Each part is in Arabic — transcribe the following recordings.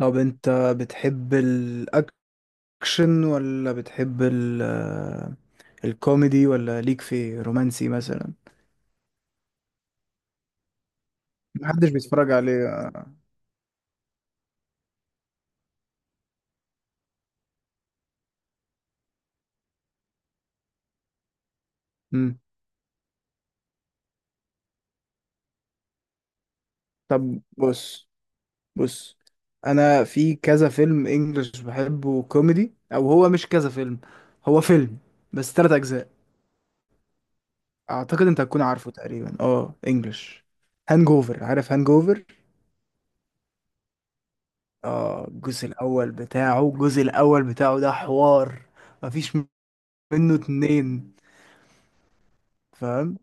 طب انت بتحب الاكشن، ولا بتحب ال آه، الكوميدي، ولا ليك في رومانسي مثلا؟ محدش بيتفرج عليه. امم طب بص. بص، انا في كذا فيلم انجلش بحبه كوميدي، او هو مش كذا فيلم، هو فيلم بس تلات اجزاء. اعتقد انت هتكون عارفه تقريبا، انجلش. هانجوفر، عارف هانجوفر؟ اه، الجزء الاول بتاعه، الجزء الاول بتاعه ده حوار، مفيش منه اتنين. فاهم؟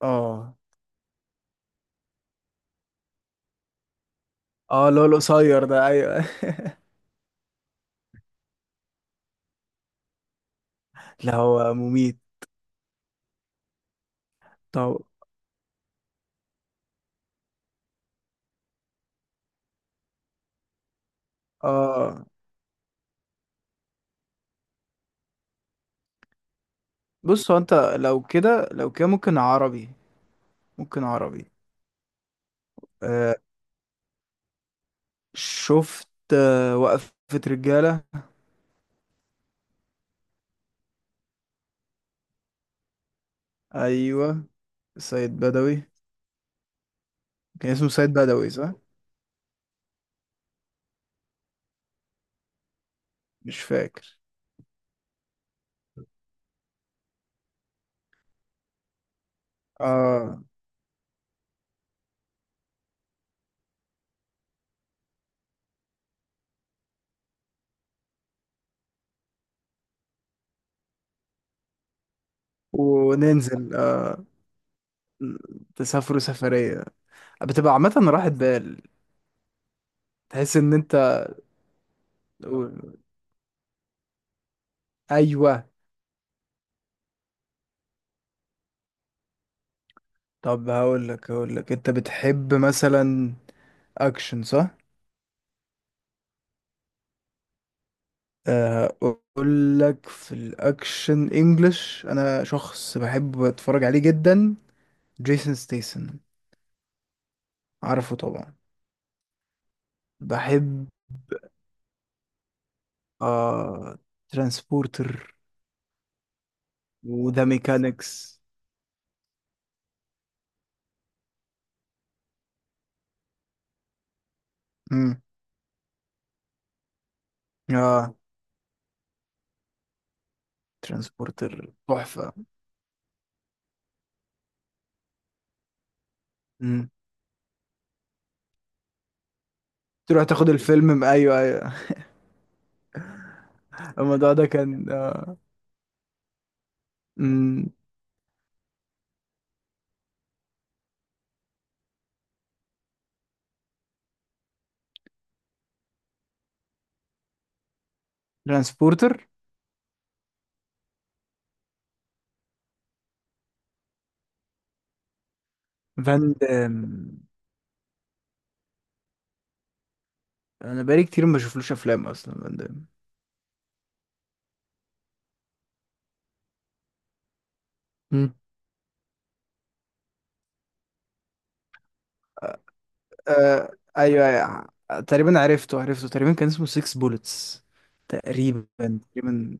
اه. اه، اللي هو القصير ده، ايوه. لا، هو مميت. طب. اه بص، هو انت لو كده، لو كده ممكن عربي، ممكن عربي. آه شفت، وقفة رجالة. ايوه، سيد بدوي. كان اسمه سيد بدوي صح؟ مش فاكر. اه، وننزل. تسافروا سفرية. بتبقى عامة راحة بال، تحس ان انت. ايوه. طب، هقول لك انت بتحب مثلا اكشن، صح؟ اقول لك في الاكشن انجلش، انا شخص بحب اتفرج عليه جدا. جيسون ستيسن، عارفه طبعا. بحب. آه ترانسبورتر، وذا ميكانكس. امم اه، ترانسبورتر تحفة. امم تروح تاخد الفيلم، ايوه ايوه. الموضوع ده كان. امم ترانسبورتر. فان دام، انا بقالي كتير ما بشوفلوش افلام اصلا، فان دام. آه ايوه، أيوة. تقريبا عرفته عرفته، تقريبا كان اسمه 6 بولتس. تقريبا تقريبا.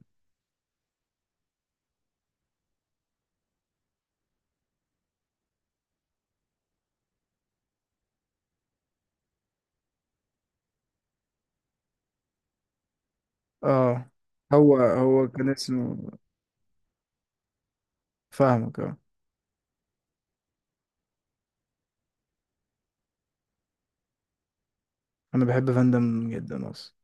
اه، هو كان اسمه. فاهمك، اه. انا بحب فاندم جدا اصلا.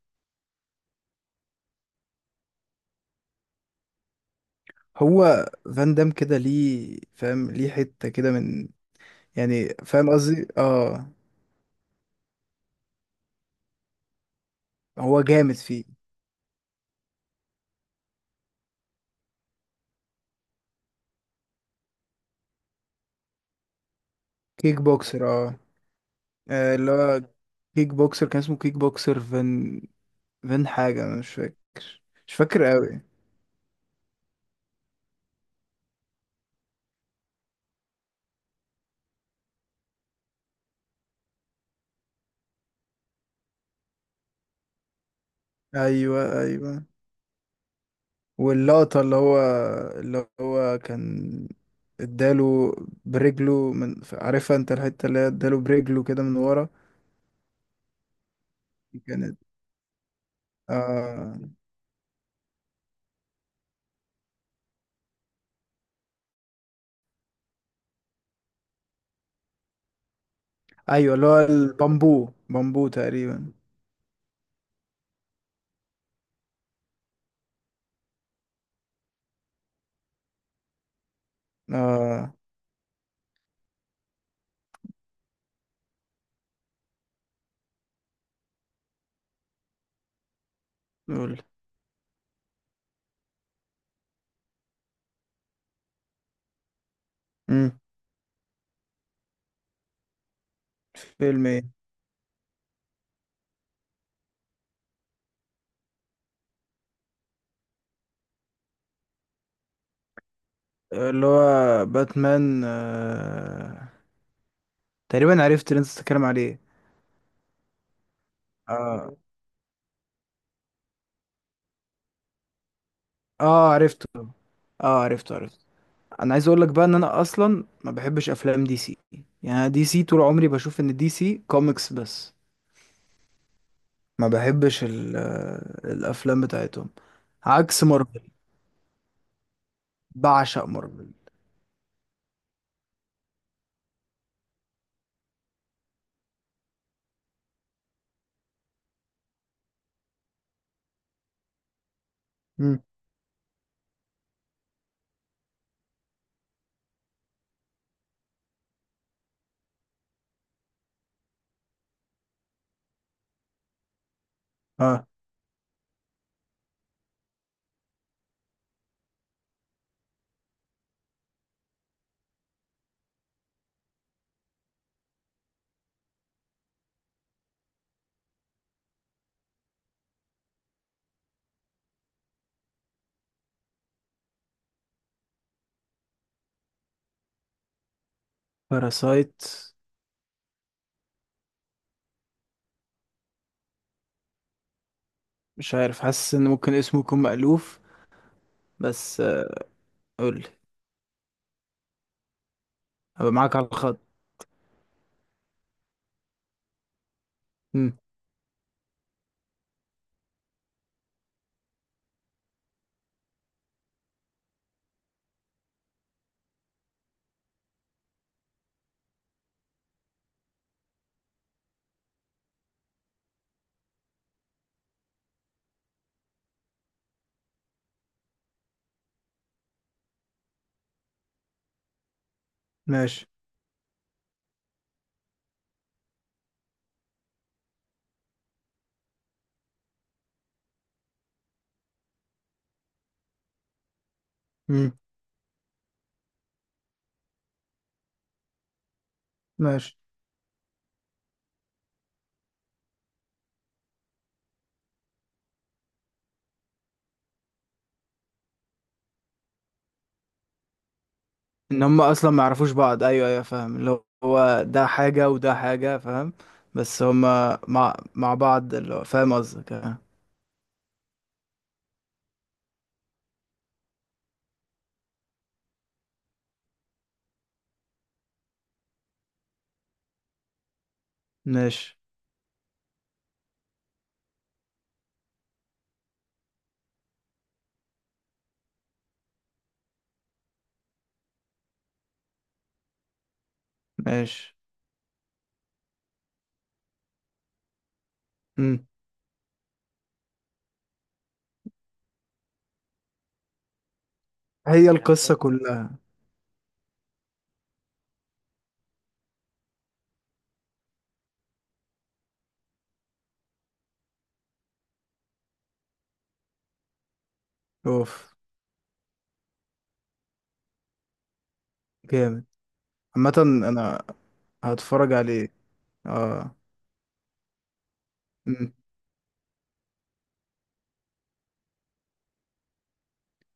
هو فاندم كده ليه، فاهم ليه؟ حتة كده من، يعني فاهم قصدي؟ اه. هو جامد فيه. كيك بوكسر، اه. اللي هو كيك بوكسر، كان اسمه كيك بوكسر فان. فان حاجة، انا مش فاكر، مش فاكر قوي. ايوه ايوه. واللقطة اللي هو كان اداله برجله، من عارفها انت الحتة اللي هي اداله برجله كده من ورا. كانت. آه ايوه، اللي هو البامبو بامبو تقريبا. اه. قول. امم فيلم ايه؟ اللي هو باتمان. تقريبا عرفت اللي انت بتتكلم عليه. اه. اه، عرفته. اه، عرفته عرفته. انا عايز اقول لك بقى ان انا اصلا ما بحبش افلام DC. يعني أنا DC طول عمري بشوف ان DC كوميكس بس. ما بحبش الافلام بتاعتهم. عكس مارفل. بعشق مارفل. مم. اه، باراسايت. مش عارف، حاسس ان ممكن اسمه يكون مألوف. بس، قول لي. هبقى معاك على الخط. مم. ماشي. مم. ماشي. ان هم اصلا ما يعرفوش بعض، ايوه ايوه، فاهم، اللي هو ده حاجه وده حاجه، فاهم. بس هم مع بعض، اللي هو فاهم قصدك، آه. ماشي ماشي. مم. هي القصة كلها. اوف. جامد. عامة، انا هتفرج عليه. اه. مم.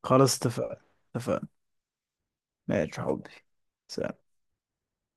خلاص اتفقنا، اتفقنا. ماشي يا حبي. سلام.